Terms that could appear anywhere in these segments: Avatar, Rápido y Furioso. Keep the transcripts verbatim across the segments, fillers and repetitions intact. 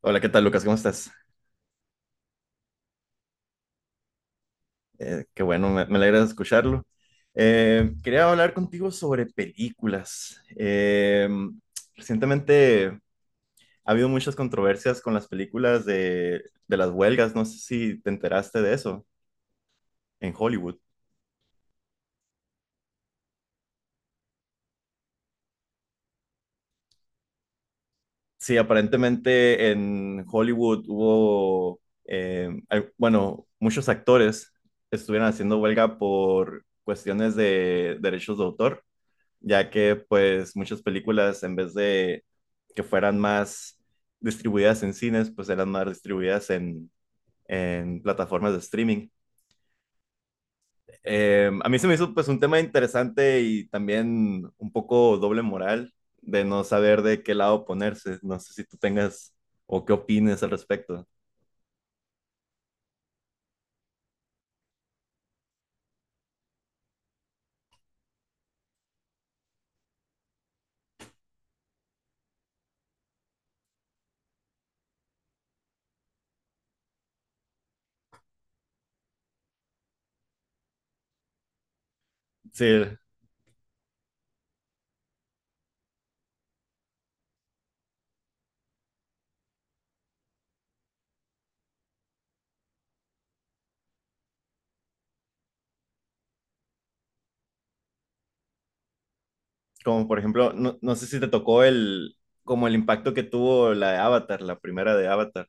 Hola, ¿qué tal, Lucas? ¿Cómo estás? Eh, qué bueno, me, me alegra escucharlo. Eh, quería hablar contigo sobre películas. Eh, recientemente ha habido muchas controversias con las películas de, de las huelgas. No sé si te enteraste de eso en Hollywood. Sí, aparentemente en Hollywood hubo, eh, al- bueno, muchos actores estuvieron haciendo huelga por cuestiones de derechos de autor ya que pues muchas películas en vez de que fueran más distribuidas en cines, pues eran más distribuidas en, en plataformas de streaming. Eh, a mí se me hizo pues un tema interesante y también un poco doble moral de no saber de qué lado ponerse. No sé si tú tengas o qué opines al respecto. Sí, como por ejemplo, no, no sé si te tocó el, como el impacto que tuvo la de Avatar, la primera de Avatar.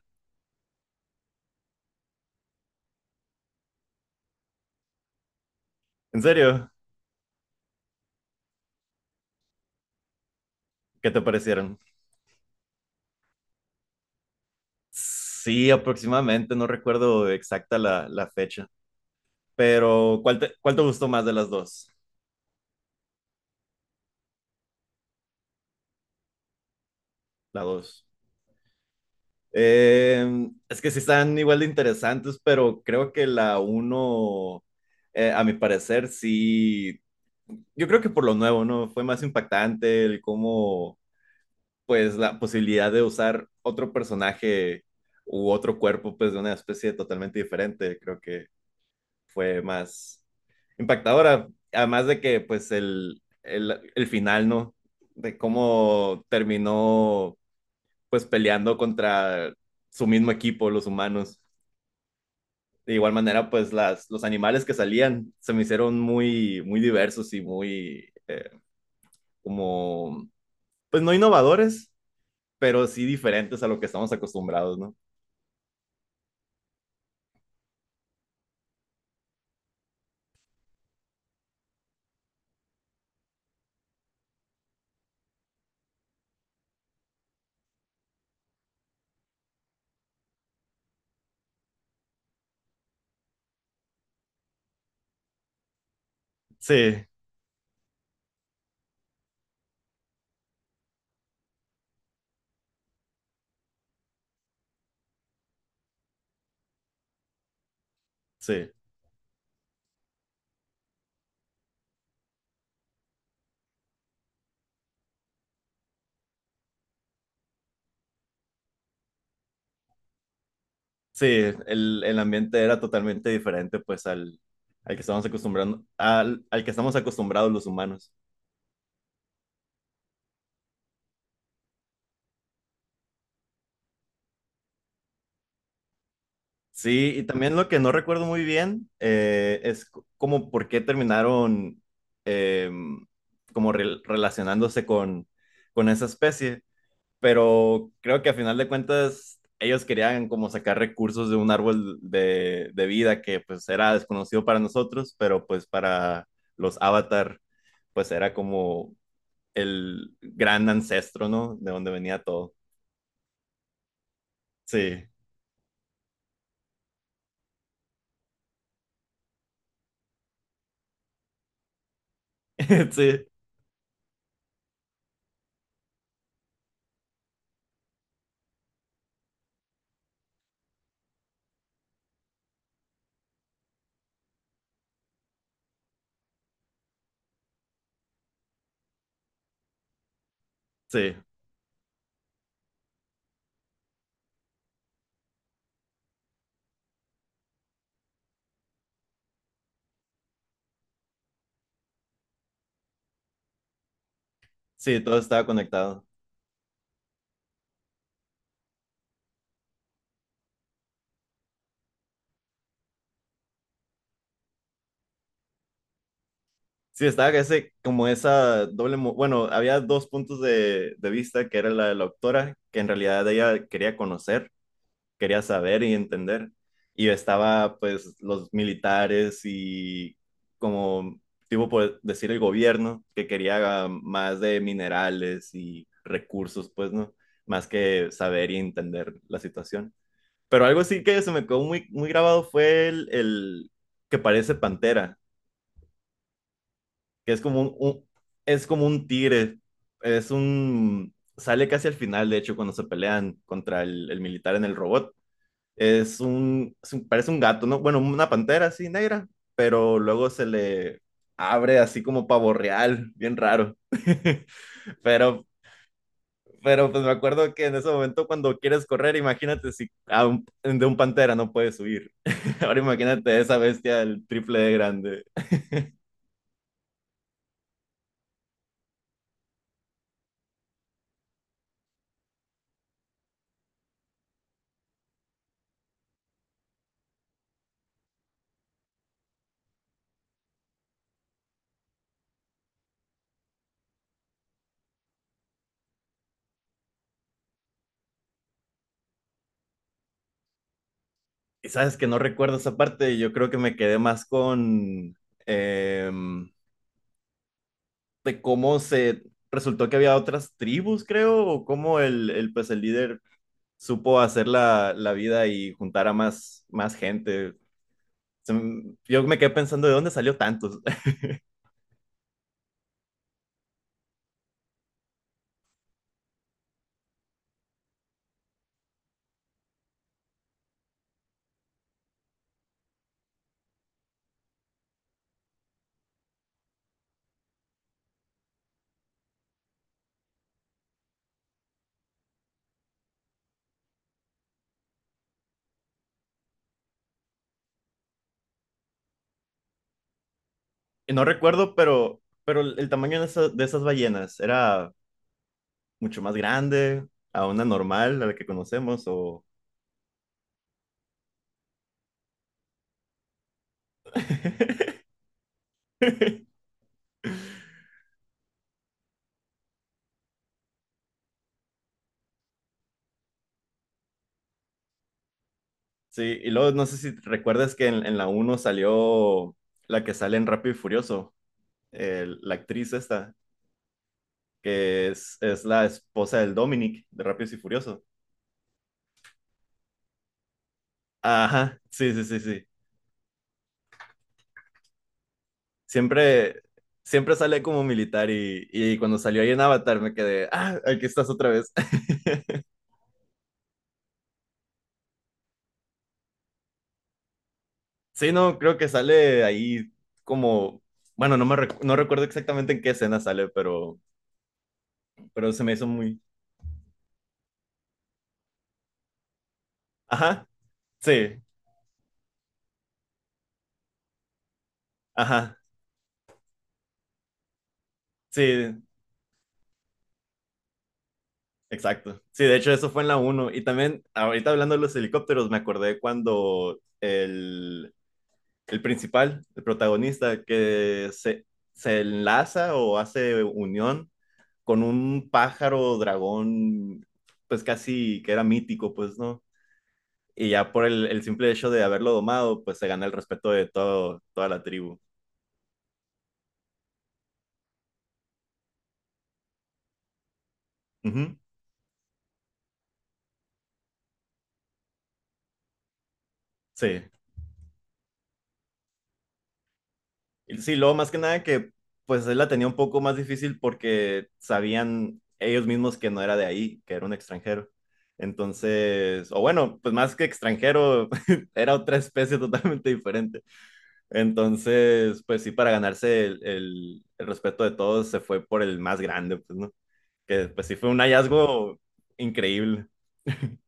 ¿En serio? ¿Qué te parecieron? Sí, aproximadamente, no recuerdo exacta la, la fecha, pero ¿cuál te, cuál te gustó más de las dos? La dos. Eh, es que sí están igual de interesantes, pero creo que la uno, eh, a mi parecer, sí, yo creo que por lo nuevo, ¿no? Fue más impactante el cómo, pues, la posibilidad de usar otro personaje u otro cuerpo, pues, de una especie totalmente diferente, creo que fue más impactadora. Además de que, pues, el, el, el final, ¿no? De cómo terminó, pues, peleando contra su mismo equipo, los humanos. De igual manera, pues, las, los animales que salían se me hicieron muy, muy diversos y muy, eh, como, pues, no innovadores, pero sí diferentes a lo que estamos acostumbrados, ¿no? Sí, sí. Sí, el, el ambiente era totalmente diferente pues al, al que estamos acostumbrando, al, al que estamos acostumbrados los humanos. Sí, y también lo que no recuerdo muy bien eh, es c- como por qué terminaron eh, como rel- relacionándose con, con esa especie, pero creo que a final de cuentas ellos querían como sacar recursos de un árbol de, de vida que pues era desconocido para nosotros, pero pues para los avatar pues era como el gran ancestro, ¿no? De donde venía todo. Sí, sí, sí, sí, todo estaba conectado. Sí, estaba ese, como esa doble, mo- bueno, había dos puntos de, de vista, que era la de la doctora, que en realidad ella quería conocer, quería saber y entender, y estaba pues los militares y como, tipo por decir el gobierno, que quería ah, más de minerales y recursos, pues, ¿no? Más que saber y entender la situación. Pero algo sí que se me quedó muy, muy grabado fue el, el que parece pantera, que es como un, un- es como un tigre, es un, sale casi al final, de hecho, cuando se pelean contra el, el militar en el robot. Es un, es un- parece un gato, ¿no? Bueno, una pantera así negra, pero luego se le abre así como pavo real, bien raro. Pero Pero pues me acuerdo que en ese momento cuando quieres correr, imagínate si a un- de un pantera no puedes huir. Ahora imagínate esa bestia el triple de grande. Y sabes que no recuerdo esa parte, yo creo que me quedé más con em, de cómo se resultó que había otras tribus, creo, o cómo el, el, pues el líder supo hacer la, la vida y juntar a más, más gente. Se m- Yo me quedé pensando de dónde salió tantos. Y no recuerdo, pero, pero el el tamaño de esa- de esas ballenas era mucho más grande, a una normal, a la que conocemos, o... Sí, y luego no sé si recuerdas que en, en la uno salió la que sale en Rápido y Furioso, el- la actriz esta, que es, es la esposa del Dominic de Rápidos y Furioso. Ajá, sí, sí, sí, sí. Siempre, siempre sale como militar y, y cuando salió ahí en Avatar me quedé, ah, aquí estás otra vez. Sí, no, creo que sale ahí como, bueno, no me recu- no recuerdo exactamente en qué escena sale, pero pero se me hizo muy... Ajá, sí, ajá, sí, exacto. Sí, de hecho eso fue en la uno. Y también, ahorita hablando de los helicópteros, me acordé cuando el, el principal, el protagonista, que se, se enlaza o hace unión con un pájaro dragón, pues casi que era mítico, pues, ¿no? Y ya por el, el simple hecho de haberlo domado, pues se gana el respeto de todo, toda la tribu. Ujú, sí, sí, luego más que nada que pues él la tenía un poco más difícil porque sabían ellos mismos que no era de ahí, que era un extranjero. Entonces, o bueno, pues más que extranjero, era otra especie totalmente diferente. Entonces, pues sí, para ganarse el, el- el respeto de todos, se fue por el más grande, pues, ¿no? Que pues sí fue un hallazgo increíble.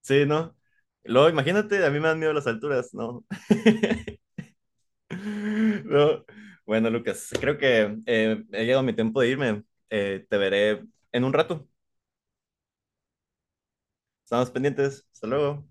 Sí, ¿no? Luego, imagínate, a mí me dan miedo las alturas, ¿no? No. Bueno, Lucas, creo que eh, he llegado mi tiempo de irme. Eh, te veré en un rato. Estamos pendientes. Hasta luego.